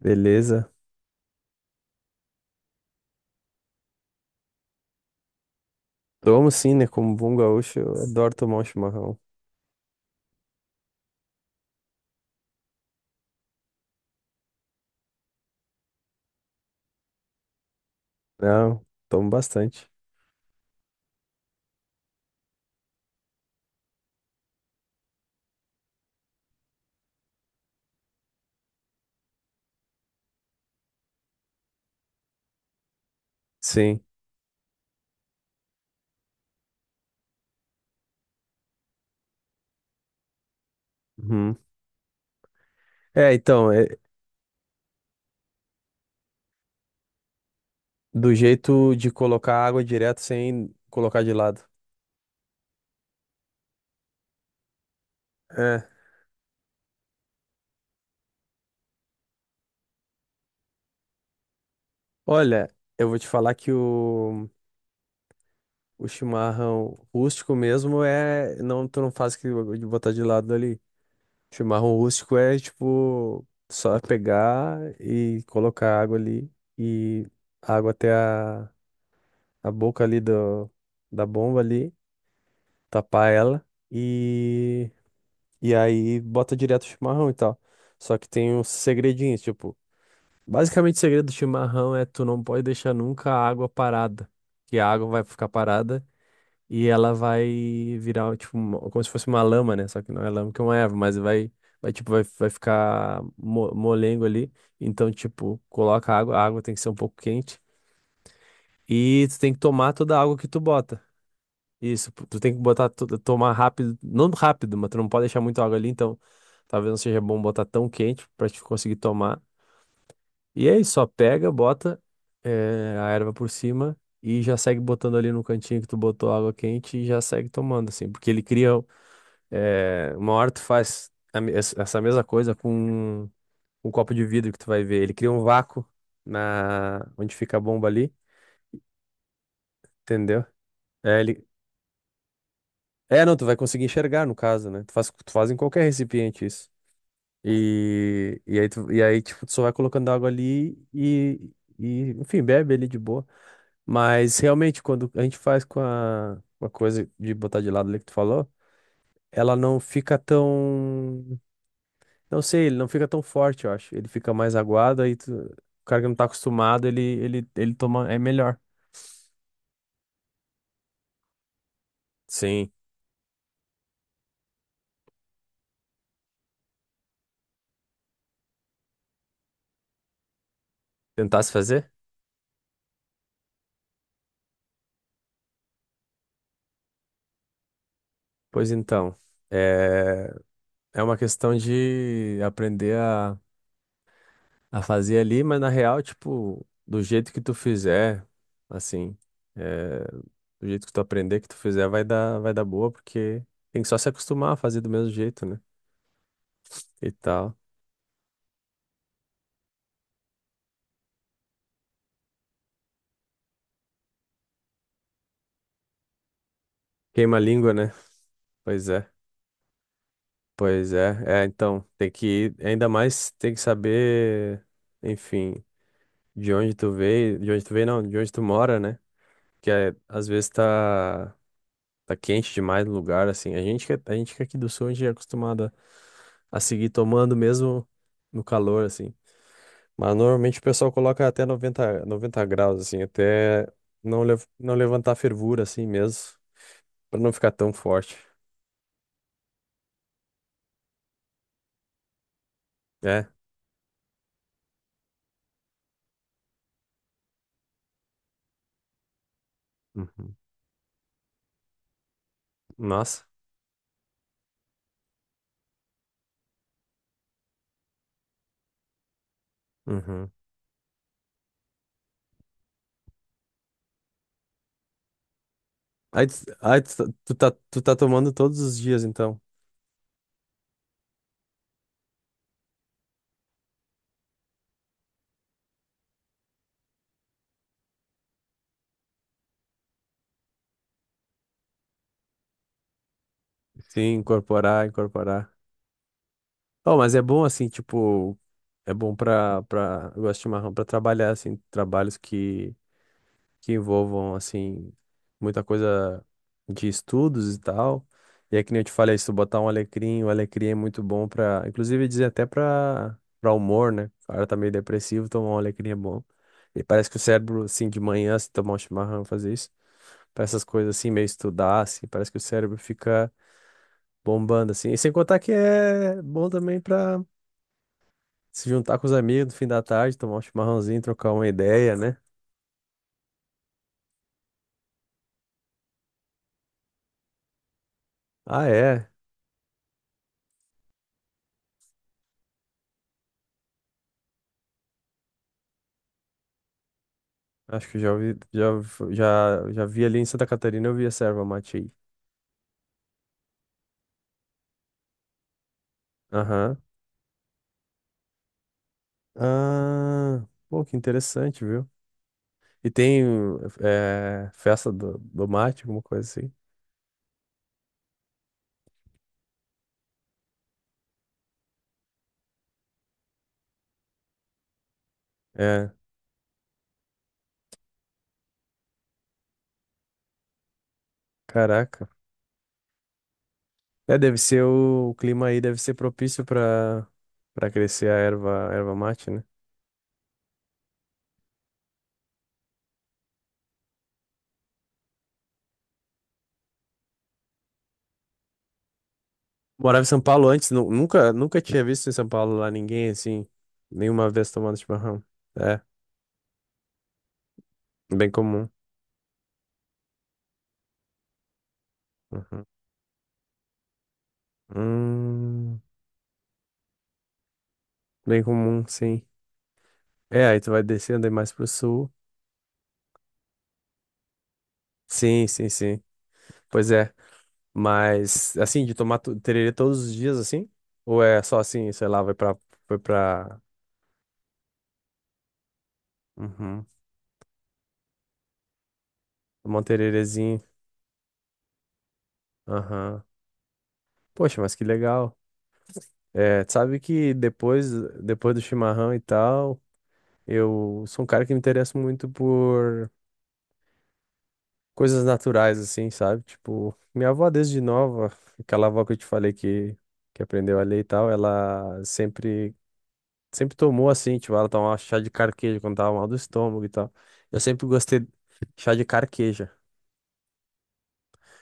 Beleza. Tomo sim, né? Como bom gaúcho, eu adoro tomar um chimarrão. Não, tomo bastante. Sim. Uhum. É, então, é do jeito de colocar água direto sem colocar de lado. É. Olha, eu vou te falar que o chimarrão rústico mesmo é. Não, tu não faz que de botar de lado ali. Chimarrão rústico é tipo só pegar e colocar água ali e água até a boca ali da bomba ali. Tapar ela e e aí bota direto o chimarrão e tal. Só que tem uns segredinhos, tipo, basicamente o segredo do chimarrão é tu não pode deixar nunca a água parada, que a água vai ficar parada e ela vai virar tipo como se fosse uma lama, né? Só que não é lama que é uma erva, mas vai ficar molengo ali. Então, tipo, coloca a água tem que ser um pouco quente e tu tem que tomar toda a água que tu bota. Isso, tu tem que botar, tomar rápido, não rápido, mas tu não pode deixar muita água ali, então talvez não seja bom botar tão quente pra te conseguir tomar. E aí, só pega, bota a erva por cima e já segue botando ali no cantinho que tu botou água quente e já segue tomando, assim, porque ele cria, uma hora tu faz essa mesma coisa com um copo de vidro que tu vai ver, ele cria um vácuo na, onde fica a bomba ali, entendeu? É, ele, É, não, tu vai conseguir enxergar, no caso, né? Tu faz em qualquer recipiente isso. E aí, tipo, tu só vai colocando água ali e enfim, bebe ali de boa. Mas, realmente, quando a gente faz com com a coisa de botar de lado ali que tu falou, ela não fica tão... Não sei, ele não fica tão forte, eu acho. Ele fica mais aguado, aí o cara que não tá acostumado, ele toma... É melhor. Sim. Tentar se fazer? Pois então, é, é uma questão de aprender a fazer ali, mas na real, tipo, do jeito que tu fizer, assim, é, do jeito que tu aprender, que tu fizer, vai dar boa, porque tem que só se acostumar a fazer do mesmo jeito, né? E tal. Queima a língua, né? Pois é, pois é. É, então, tem que, ainda mais tem que saber, enfim, de onde tu veio, de onde tu veio, não, de onde tu mora, né? Que é, às vezes tá, tá quente demais no lugar, assim. A gente que é aqui do sul, a gente é acostumado a seguir tomando mesmo no calor, assim. Mas normalmente o pessoal coloca até noventa graus, assim, até não, não levantar a fervura, assim mesmo, pra não ficar tão forte. É. Uhum. Nossa. Uhum. Aí tu, tá, tu tá tu tá tomando todos os dias, então. Sim, incorporar, incorporar. Oh, mas é bom, assim, tipo, é bom pra eu gosto de chimarrão pra trabalhar, assim, trabalhos que envolvam, assim, muita coisa de estudos e tal. E é que nem eu te falei, se tu botar um alecrim, o alecrim é muito bom inclusive dizer até pra humor, né? O cara tá meio depressivo, tomar um alecrim é bom. E parece que o cérebro, assim, de manhã, se tomar um chimarrão, fazer isso, pra essas coisas assim, meio estudar, assim, parece que o cérebro fica bombando, assim. E sem contar que é bom também pra se juntar com os amigos no fim da tarde, tomar um chimarrãozinho, trocar uma ideia, né? Ah, é. Acho que já ouvi, já vi ali em Santa Catarina, eu vi essa erva mate aí. Aham. Ah, pô, que interessante, viu? E tem festa do mate, alguma coisa assim. É, caraca. É, deve ser o clima aí, deve ser propício para crescer a erva mate, né? Morava em São Paulo antes, nunca, nunca tinha visto em São Paulo lá ninguém assim, nenhuma vez tomando chimarrão. É, bem comum. Uhum. Hum, bem comum, sim. É, aí tu vai descendo aí mais pro sul. Sim, sim, sim. Pois é. Mas, assim, de tererê todos os dias, assim? Ou é só assim, sei lá, vai pra... Foi pra... Uhum. Tomar um tererezinho. Aham. Poxa, mas que legal. É, tu sabe que depois, depois do chimarrão e tal, eu sou um cara que me interessa muito por coisas naturais, assim, sabe? Tipo, minha avó desde nova, aquela avó que eu te falei que aprendeu a ler e tal, ela sempre tomou assim, tipo, ela tomava chá de carqueja quando tava mal do estômago e tal. Eu sempre gostei de chá de carqueja.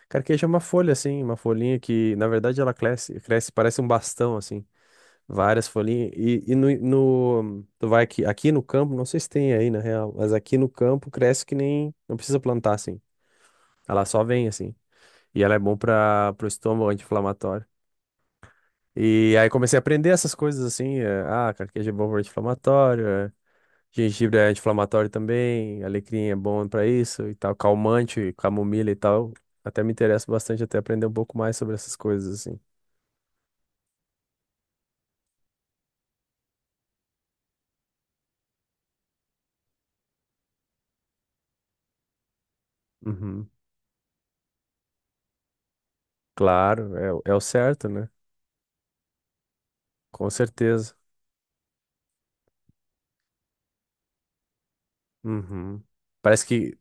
Carqueja é uma folha assim, uma folhinha que, na verdade, ela cresce, cresce, parece um bastão assim, várias folhinhas. Tu vai aqui, aqui no campo, não sei se tem aí na real, mas aqui no campo cresce que nem, não precisa plantar assim. Ela só vem assim. E ela é bom para pro estômago anti-inflamatório. E aí comecei a aprender essas coisas assim, é, ah, carqueja é bom para anti-inflamatório, é, gengibre é anti-inflamatório também, alecrim é bom pra isso e tal, calmante, camomila e tal. Até me interessa bastante até aprender um pouco mais sobre essas coisas assim. Uhum. Claro, é, é o certo, né? Com certeza. Uhum. Parece que,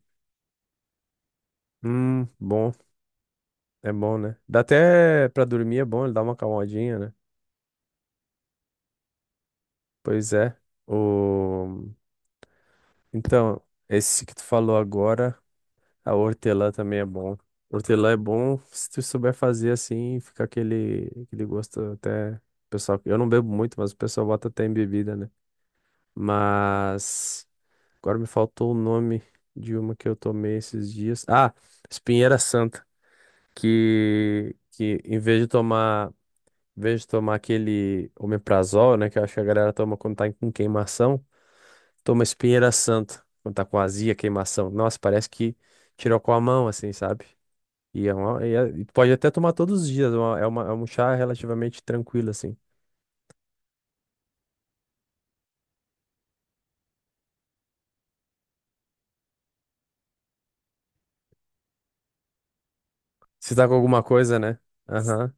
bom, é bom, né? Dá até pra dormir, é bom, ele dá uma calmadinha, né? Pois é. O... Então, esse que tu falou agora. A hortelã também é bom. Hortelã é bom se tu souber fazer assim, fica aquele, aquele gosto até. Pessoal, eu não bebo muito, mas o pessoal bota até em bebida, né? Mas agora me faltou o nome de uma que eu tomei esses dias. Ah, espinheira santa, que em vez de tomar, em vez de tomar aquele omeprazol, né, que eu acho que a galera toma quando tá com queimação, toma espinheira santa quando tá com azia, queimação. Nossa, parece que tirou com a mão assim, sabe? E pode até tomar todos os dias. É um chá relativamente tranquilo, assim. Se tá com alguma coisa, né? Aham.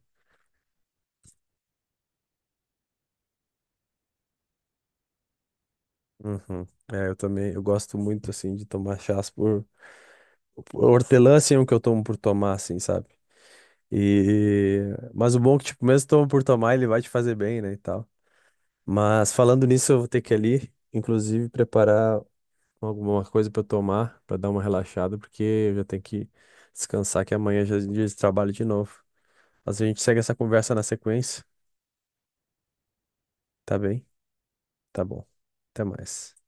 Uhum. É, eu também, eu gosto muito, assim, de tomar chás hortelã, assim, é um que eu tomo por tomar, assim, sabe? E... Mas o bom é que, tipo, mesmo tomo por tomar, ele vai te fazer bem, né, e tal. Mas falando nisso, eu vou ter que ir ali, inclusive, preparar alguma coisa pra eu tomar, pra dar uma relaxada, porque eu já tenho que descansar, que amanhã já é dia de trabalho de novo. Mas a gente segue essa conversa na sequência. Tá bem? Tá bom. Até mais.